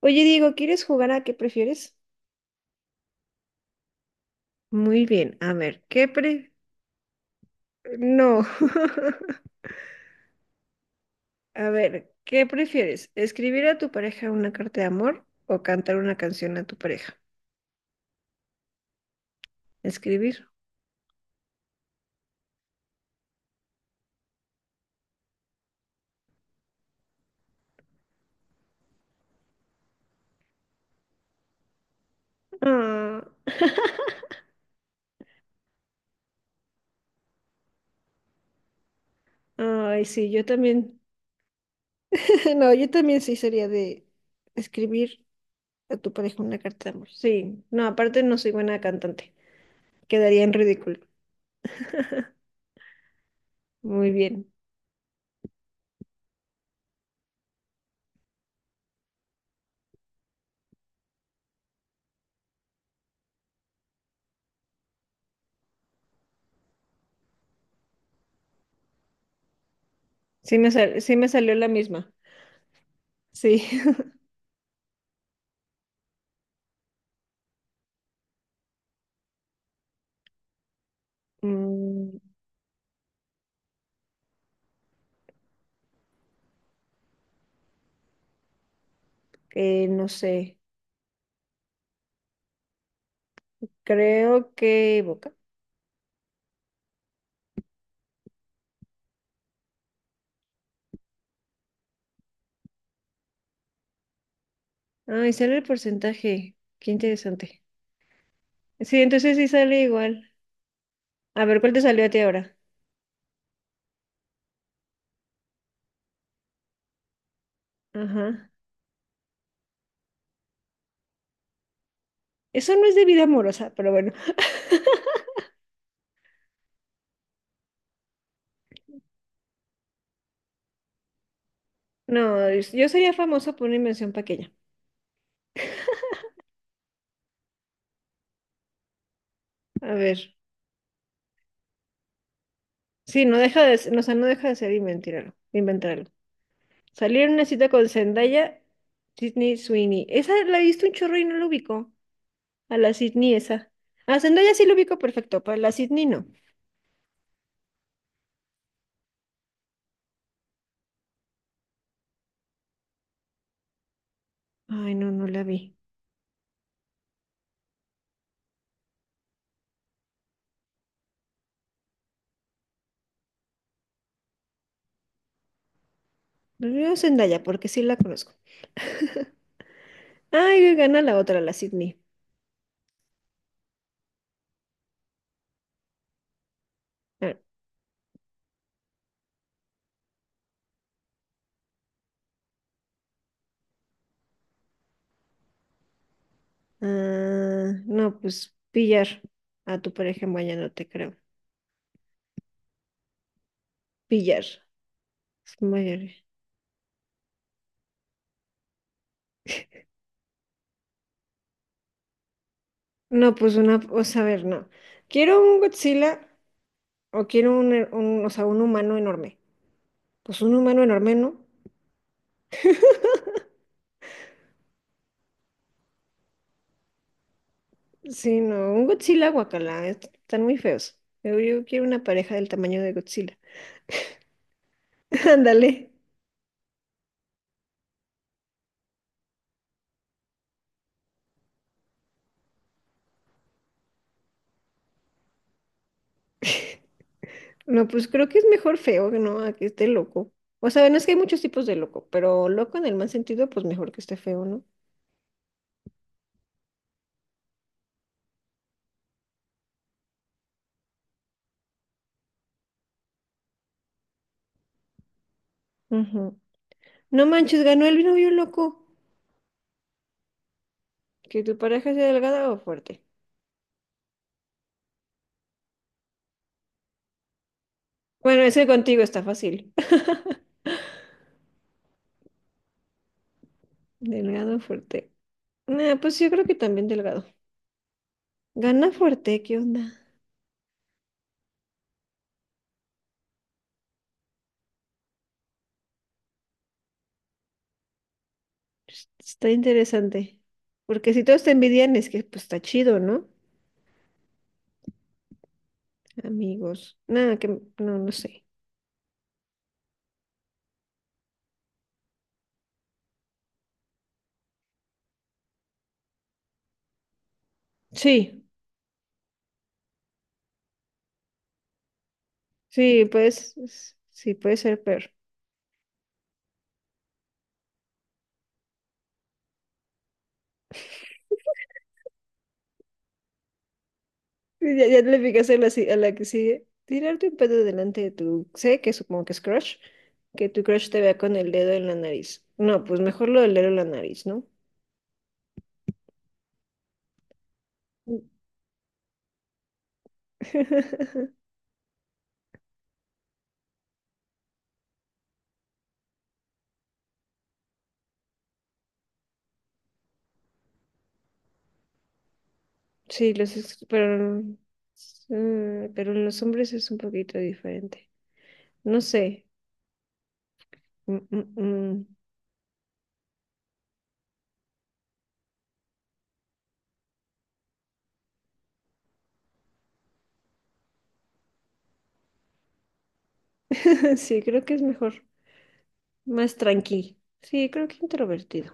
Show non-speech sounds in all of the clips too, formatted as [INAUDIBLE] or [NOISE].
Oye, Diego, ¿quieres jugar a qué prefieres? Muy bien, a ver, ¿qué pre... No. [LAUGHS] A ver, ¿qué prefieres? ¿Escribir a tu pareja una carta de amor o cantar una canción a tu pareja? Escribir. Ah, ay, sí, yo también. [LAUGHS] No, yo también sí sería de escribir a tu pareja una carta de amor. Sí, no, aparte no soy buena cantante. Quedaría en ridículo. Muy bien. Sí me salió la misma. Sí. [LAUGHS] Mm, no sé. Creo que Boca. Ah, y sale el porcentaje. Qué interesante. Sí, entonces sí sale igual. A ver, ¿cuál te salió a ti ahora? Ajá. Eso no es de vida amorosa, pero bueno. [LAUGHS] No, yo sería famoso por una invención pequeña. A ver. Sí, no deja de o sea, no deja de ser inventarlo, inventarlo. Salir en una cita con Zendaya, Sydney Sweeney. Esa la he visto un chorro y no lo ubico. A la Sydney esa. A Zendaya sí lo ubico perfecto, para la Sydney no. Ay, no, no la vi. Yo Zendaya, porque sí la conozco. [LAUGHS] Ay, gana la otra, la Sydney. Ah, ah, no, pues pillar a tu pareja en baño, no te creo. Pillar. Es mayor. No, pues una, o sea, a ver, no. Quiero un Godzilla o quiero o sea, un humano enorme. Pues un humano enorme, ¿no? Sí, no, un Godzilla, guacala, están muy feos. Yo quiero una pareja del tamaño de Godzilla. [LAUGHS] Ándale. No, pues creo que es mejor feo que no a que esté loco. O sea, no es que hay muchos tipos de loco, pero loco en el mal sentido, pues mejor que esté feo, ¿no? Ujú. No manches, ganó el novio loco. Que tu pareja sea delgada o fuerte. Bueno, ese contigo está fácil. [LAUGHS] Delgado o fuerte. Nah, pues yo creo que también delgado. Gana fuerte, ¿qué onda? Está interesante. Porque si todos te envidian es que pues está chido, ¿no? Amigos. Nada, que no, no sé. Sí, sí, pues, sí, puede ser peor. Sí, ya, ya le picas a la, si- a la que sigue. Tirarte un pedo delante de tu... Sé que supongo que es crush. Que tu crush te vea con el dedo en la nariz. No, pues mejor lo del dedo en la nariz, ¿no? [LAUGHS] Sí, pero... mm, pero en los hombres es un poquito diferente. No sé. Mm, mm, mm. [LAUGHS] Sí, creo que es mejor. Más tranqui. Sí, creo que introvertido.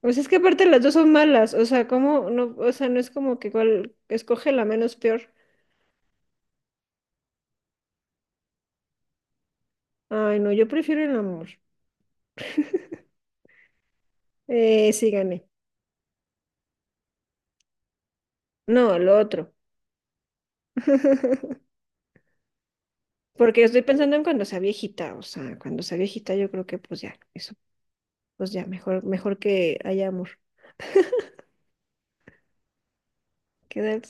Pues es que aparte las dos son malas. O sea, como... no, o sea, no es como que cuál escoge la menos peor. Ay, no, yo prefiero el amor. Sí, gané. No, lo otro. [LAUGHS] Porque estoy pensando en cuando sea viejita, o sea, cuando sea viejita yo creo que pues ya, eso, pues ya, mejor, mejor que haya amor. ¿Qué tal?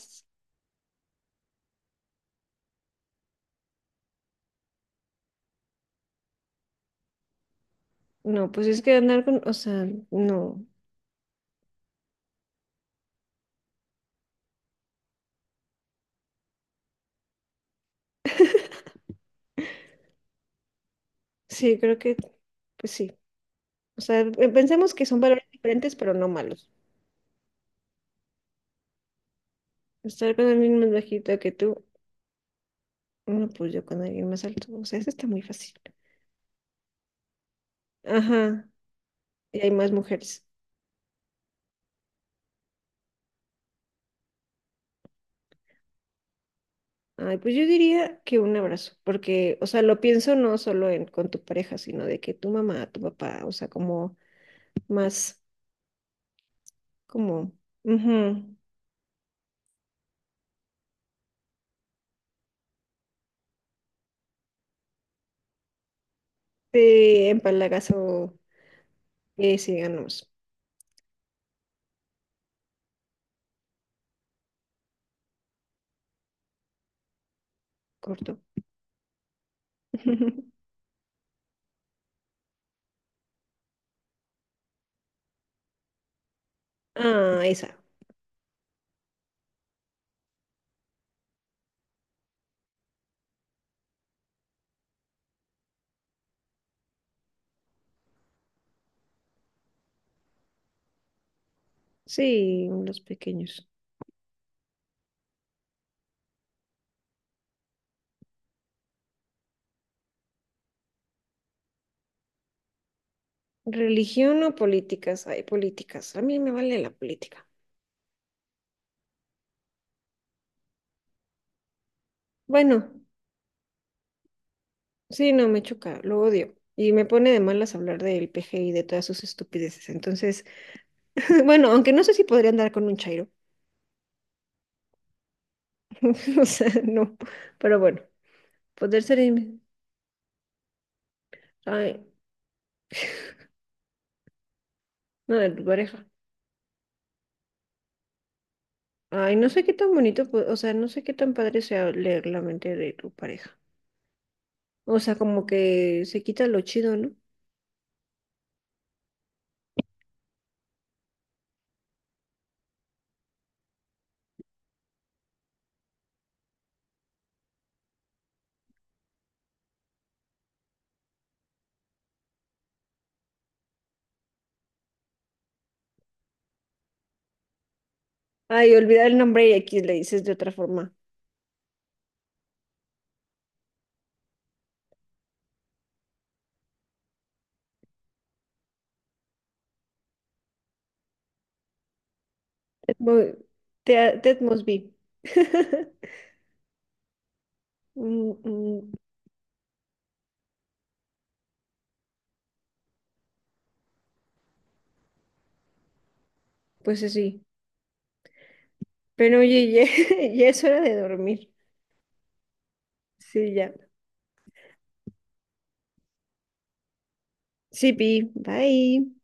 No, pues es que andar con, o sea, no. Sí, creo que, pues sí. O sea, pensemos que son valores diferentes, pero no malos. Estar con alguien más bajito que tú, no, pues yo con alguien más alto. O sea, eso está muy fácil. Ajá, y hay más mujeres. Ay, pues yo diría que un abrazo, porque, o sea, lo pienso no solo en con tu pareja, sino de que tu mamá, tu papá, o sea, como más, como, ujú, sí, empalagazo, síganos, corto. [LAUGHS] Ah, esa, sí, los pequeños. Religión o políticas, hay políticas, a mí me vale la política. Bueno, sí, no, me choca, lo odio. Y me pone de malas hablar del PG y de todas sus estupideces. Entonces, [LAUGHS] bueno, aunque no sé si podría andar con un chairo. [LAUGHS] O sea, no. Pero bueno, poder ser... in- ay, no, de tu pareja. Ay, no sé qué tan bonito, o sea, no sé qué tan padre sea leer la mente de tu pareja. O sea, como que se quita lo chido, ¿no? Ay, olvidar el nombre y aquí le dices de otra forma. Ted Mo- Ted Mosby. [LAUGHS] Mm, mm, pues así. Pero oye, ya, [LAUGHS] ya es hora de dormir. Sí, ya. Sí, Pi, bye.